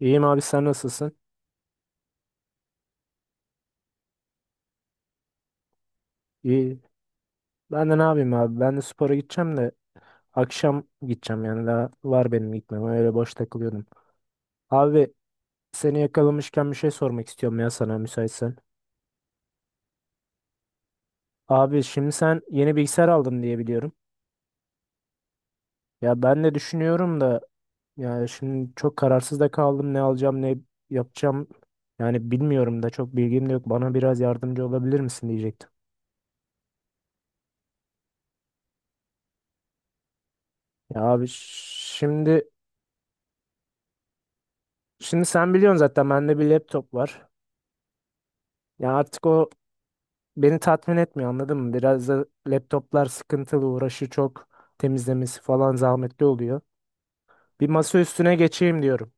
İyiyim abi sen nasılsın? İyi. Ben de ne yapayım abi? Ben de spora gideceğim de akşam gideceğim yani daha var benim gitmem. Öyle boş takılıyordum. Abi seni yakalamışken bir şey sormak istiyorum ya sana müsaitsen. Abi şimdi sen yeni bilgisayar aldın diye biliyorum. Ya ben de düşünüyorum da yani şimdi çok kararsız da kaldım ne alacağım ne yapacağım. Yani bilmiyorum da çok bilgim de yok. Bana biraz yardımcı olabilir misin diyecektim. Ya abi şimdi sen biliyorsun zaten bende bir laptop var. Ya artık o beni tatmin etmiyor anladın mı? Biraz da laptoplar sıkıntılı, uğraşı çok, temizlemesi falan zahmetli oluyor. Bir masa üstüne geçeyim diyorum.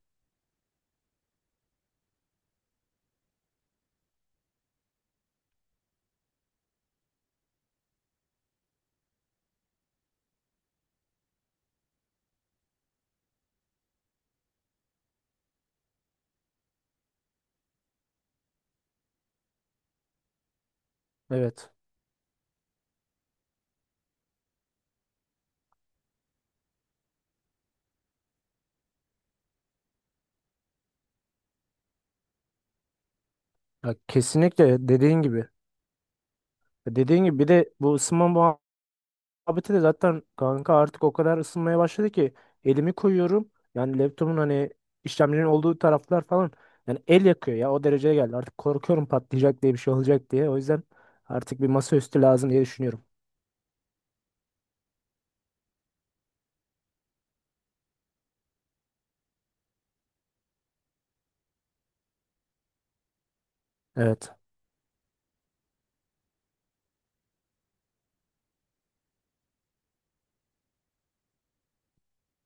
Evet. Ya kesinlikle dediğin gibi. Ya dediğin gibi bir de bu ısınma muhabbeti de zaten kanka artık o kadar ısınmaya başladı ki elimi koyuyorum. Yani laptopun hani işlemcinin olduğu taraflar falan yani el yakıyor ya, o dereceye geldi. Artık korkuyorum patlayacak diye, bir şey olacak diye. O yüzden artık bir masaüstü lazım diye düşünüyorum. Evet.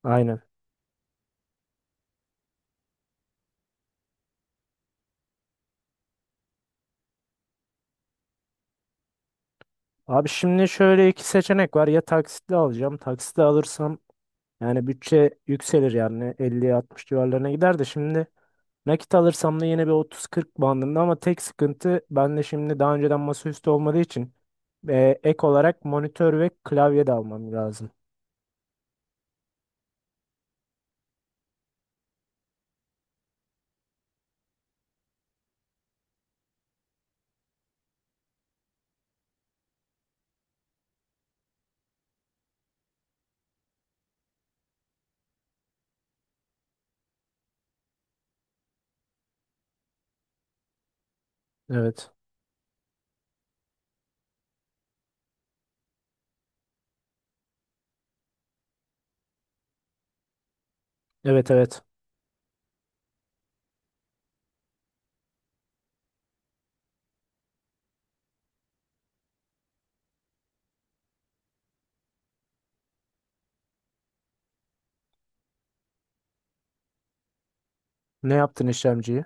Aynen. Abi şimdi şöyle iki seçenek var. Ya taksitle alacağım. Taksitle alırsam yani bütçe yükselir, yani 50 60 civarlarına gider de, şimdi nakit alırsam da yine bir 30-40 bandında, ama tek sıkıntı, ben de şimdi daha önceden masaüstü olmadığı için ek olarak monitör ve klavye de almam lazım. Evet. Evet, evet. Ne yaptın işlemciyi?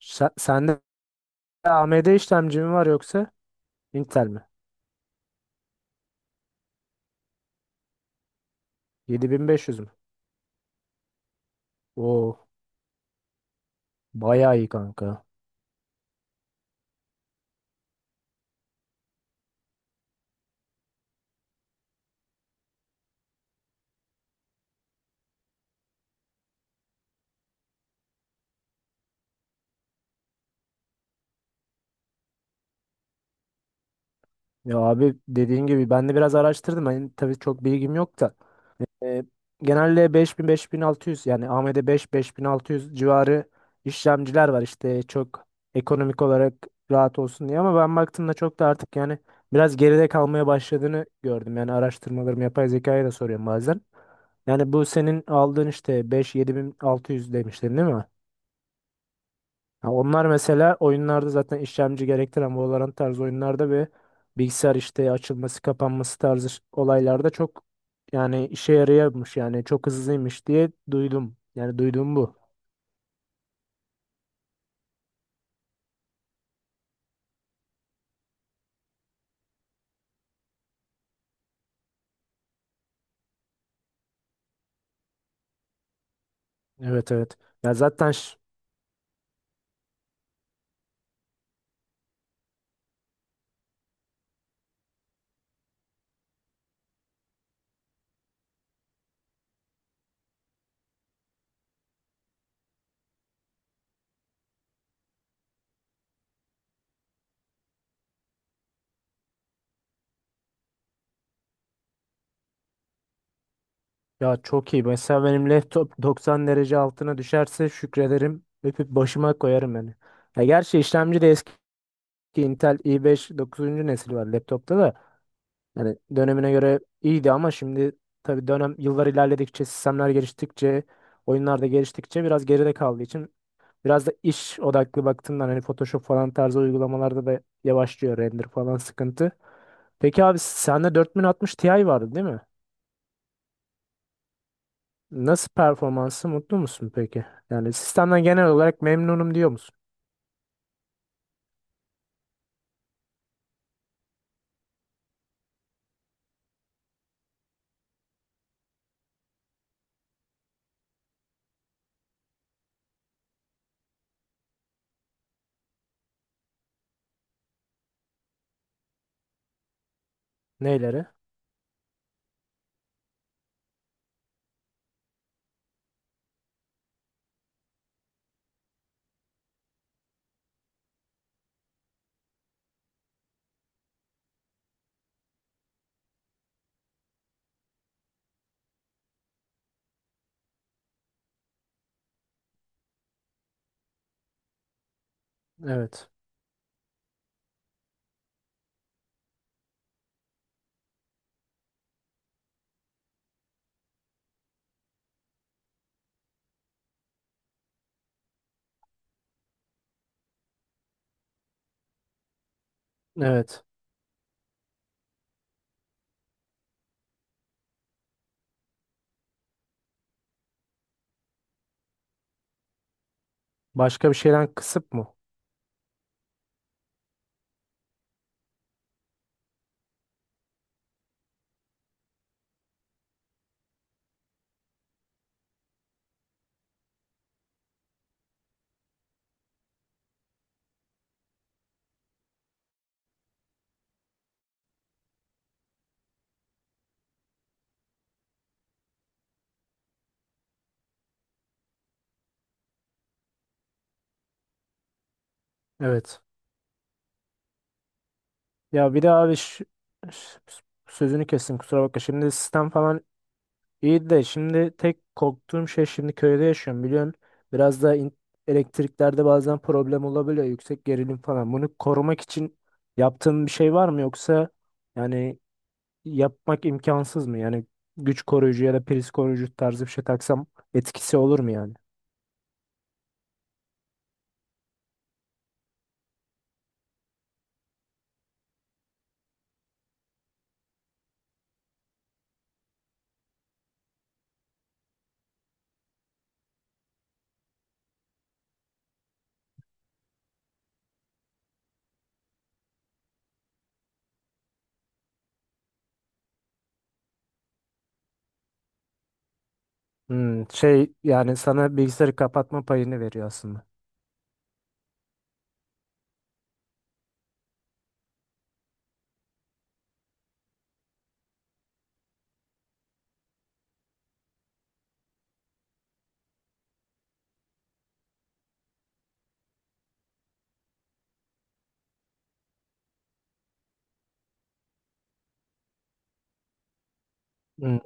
Sende AMD işlemci mi var yoksa Intel mi? 7500 mü? Oo, bayağı iyi kanka. Ya abi dediğin gibi ben de biraz araştırdım. Hani tabii çok bilgim yok da. E, genelde 5.000, 5.600, yani beş, 5.600 civarı işlemciler var işte, çok ekonomik olarak rahat olsun diye, ama ben baktığımda çok da artık yani biraz geride kalmaya başladığını gördüm. Yani araştırmalarımı yapay zekaya da soruyorum bazen. Yani bu senin aldığın işte beş, 7.600 demiştin değil mi? Ha, onlar mesela oyunlarda zaten işlemci gerektiren Valorant tarzı oyunlarda ve bilgisayar işte açılması kapanması tarzı olaylarda çok yani işe yarıyormuş, yani çok hızlıymış diye duydum. Yani duyduğum bu. Evet, evet. Ya zaten ş- Ya çok iyi. Mesela benim laptop 90 derece altına düşerse şükrederim. Öpüp başıma koyarım yani. Ya gerçi işlemci de eski, Intel i5 9. nesil var laptopta da. Yani dönemine göre iyiydi ama şimdi tabii dönem yıllar ilerledikçe, sistemler geliştikçe, oyunlar da geliştikçe biraz geride kaldığı için, biraz da iş odaklı baktığımdan hani Photoshop falan tarzı uygulamalarda da yavaşlıyor, render falan sıkıntı. Peki abi sende 4060 Ti vardı değil mi? Nasıl, performansı, mutlu musun peki? Yani sistemden genel olarak memnunum diyor musun? Neyleri? Evet. Evet. Başka bir şeyden kısıp mı? Evet. Ya bir de abi ş- sözünü kestim, kusura bakma. Şimdi sistem falan iyiydi de, şimdi tek korktuğum şey, şimdi köyde yaşıyorum biliyorsun. Biraz da elektriklerde bazen problem olabiliyor, yüksek gerilim falan. Bunu korumak için yaptığın bir şey var mı, yoksa yani yapmak imkansız mı? Yani güç koruyucu ya da priz koruyucu tarzı bir şey taksam etkisi olur mu yani? Şey yani sana bilgisayarı kapatma payını veriyor aslında. Hmm,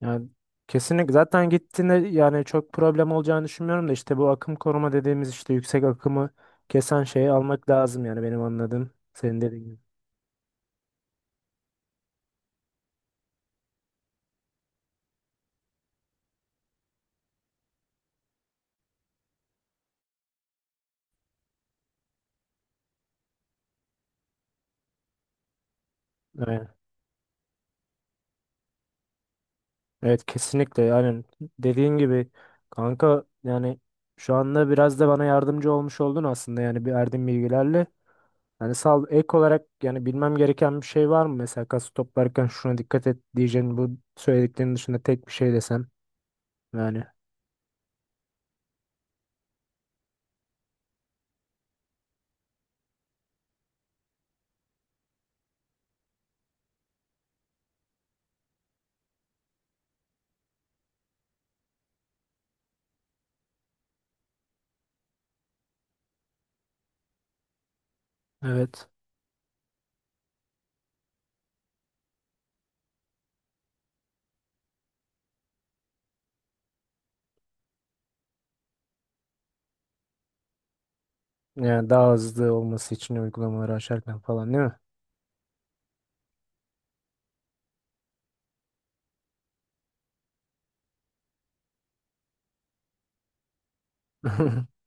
yani kesinlikle, zaten gittiğinde yani çok problem olacağını düşünmüyorum da, işte bu akım koruma dediğimiz, işte yüksek akımı kesen şeyi almak lazım yani, benim anladığım senin dediğin gibi. Evet. Evet, kesinlikle yani, dediğin gibi kanka. Yani şu anda biraz da bana yardımcı olmuş oldun aslında yani, bir verdiğin bilgilerle. Yani sağ ol. Ek olarak yani bilmem gereken bir şey var mı? Mesela kası toplarken şuna dikkat et diyeceğin, bu söylediklerinin dışında tek bir şey desem yani. Evet. Yani daha hızlı olması için, uygulamaları açarken falan değil mi?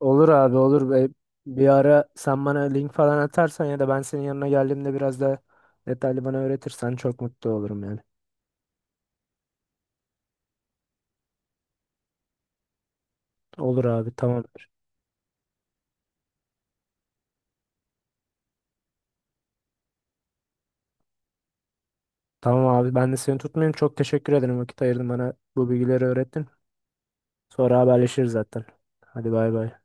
Olur abi, olur. Be. Bir ara sen bana link falan atarsan ya da ben senin yanına geldiğimde biraz da detaylı bana öğretirsen çok mutlu olurum yani. Olur abi, tamamdır. Tamam abi, ben de seni tutmayayım. Çok teşekkür ederim, vakit ayırdın, bana bu bilgileri öğrettin. Sonra haberleşiriz zaten. Hadi bay bay.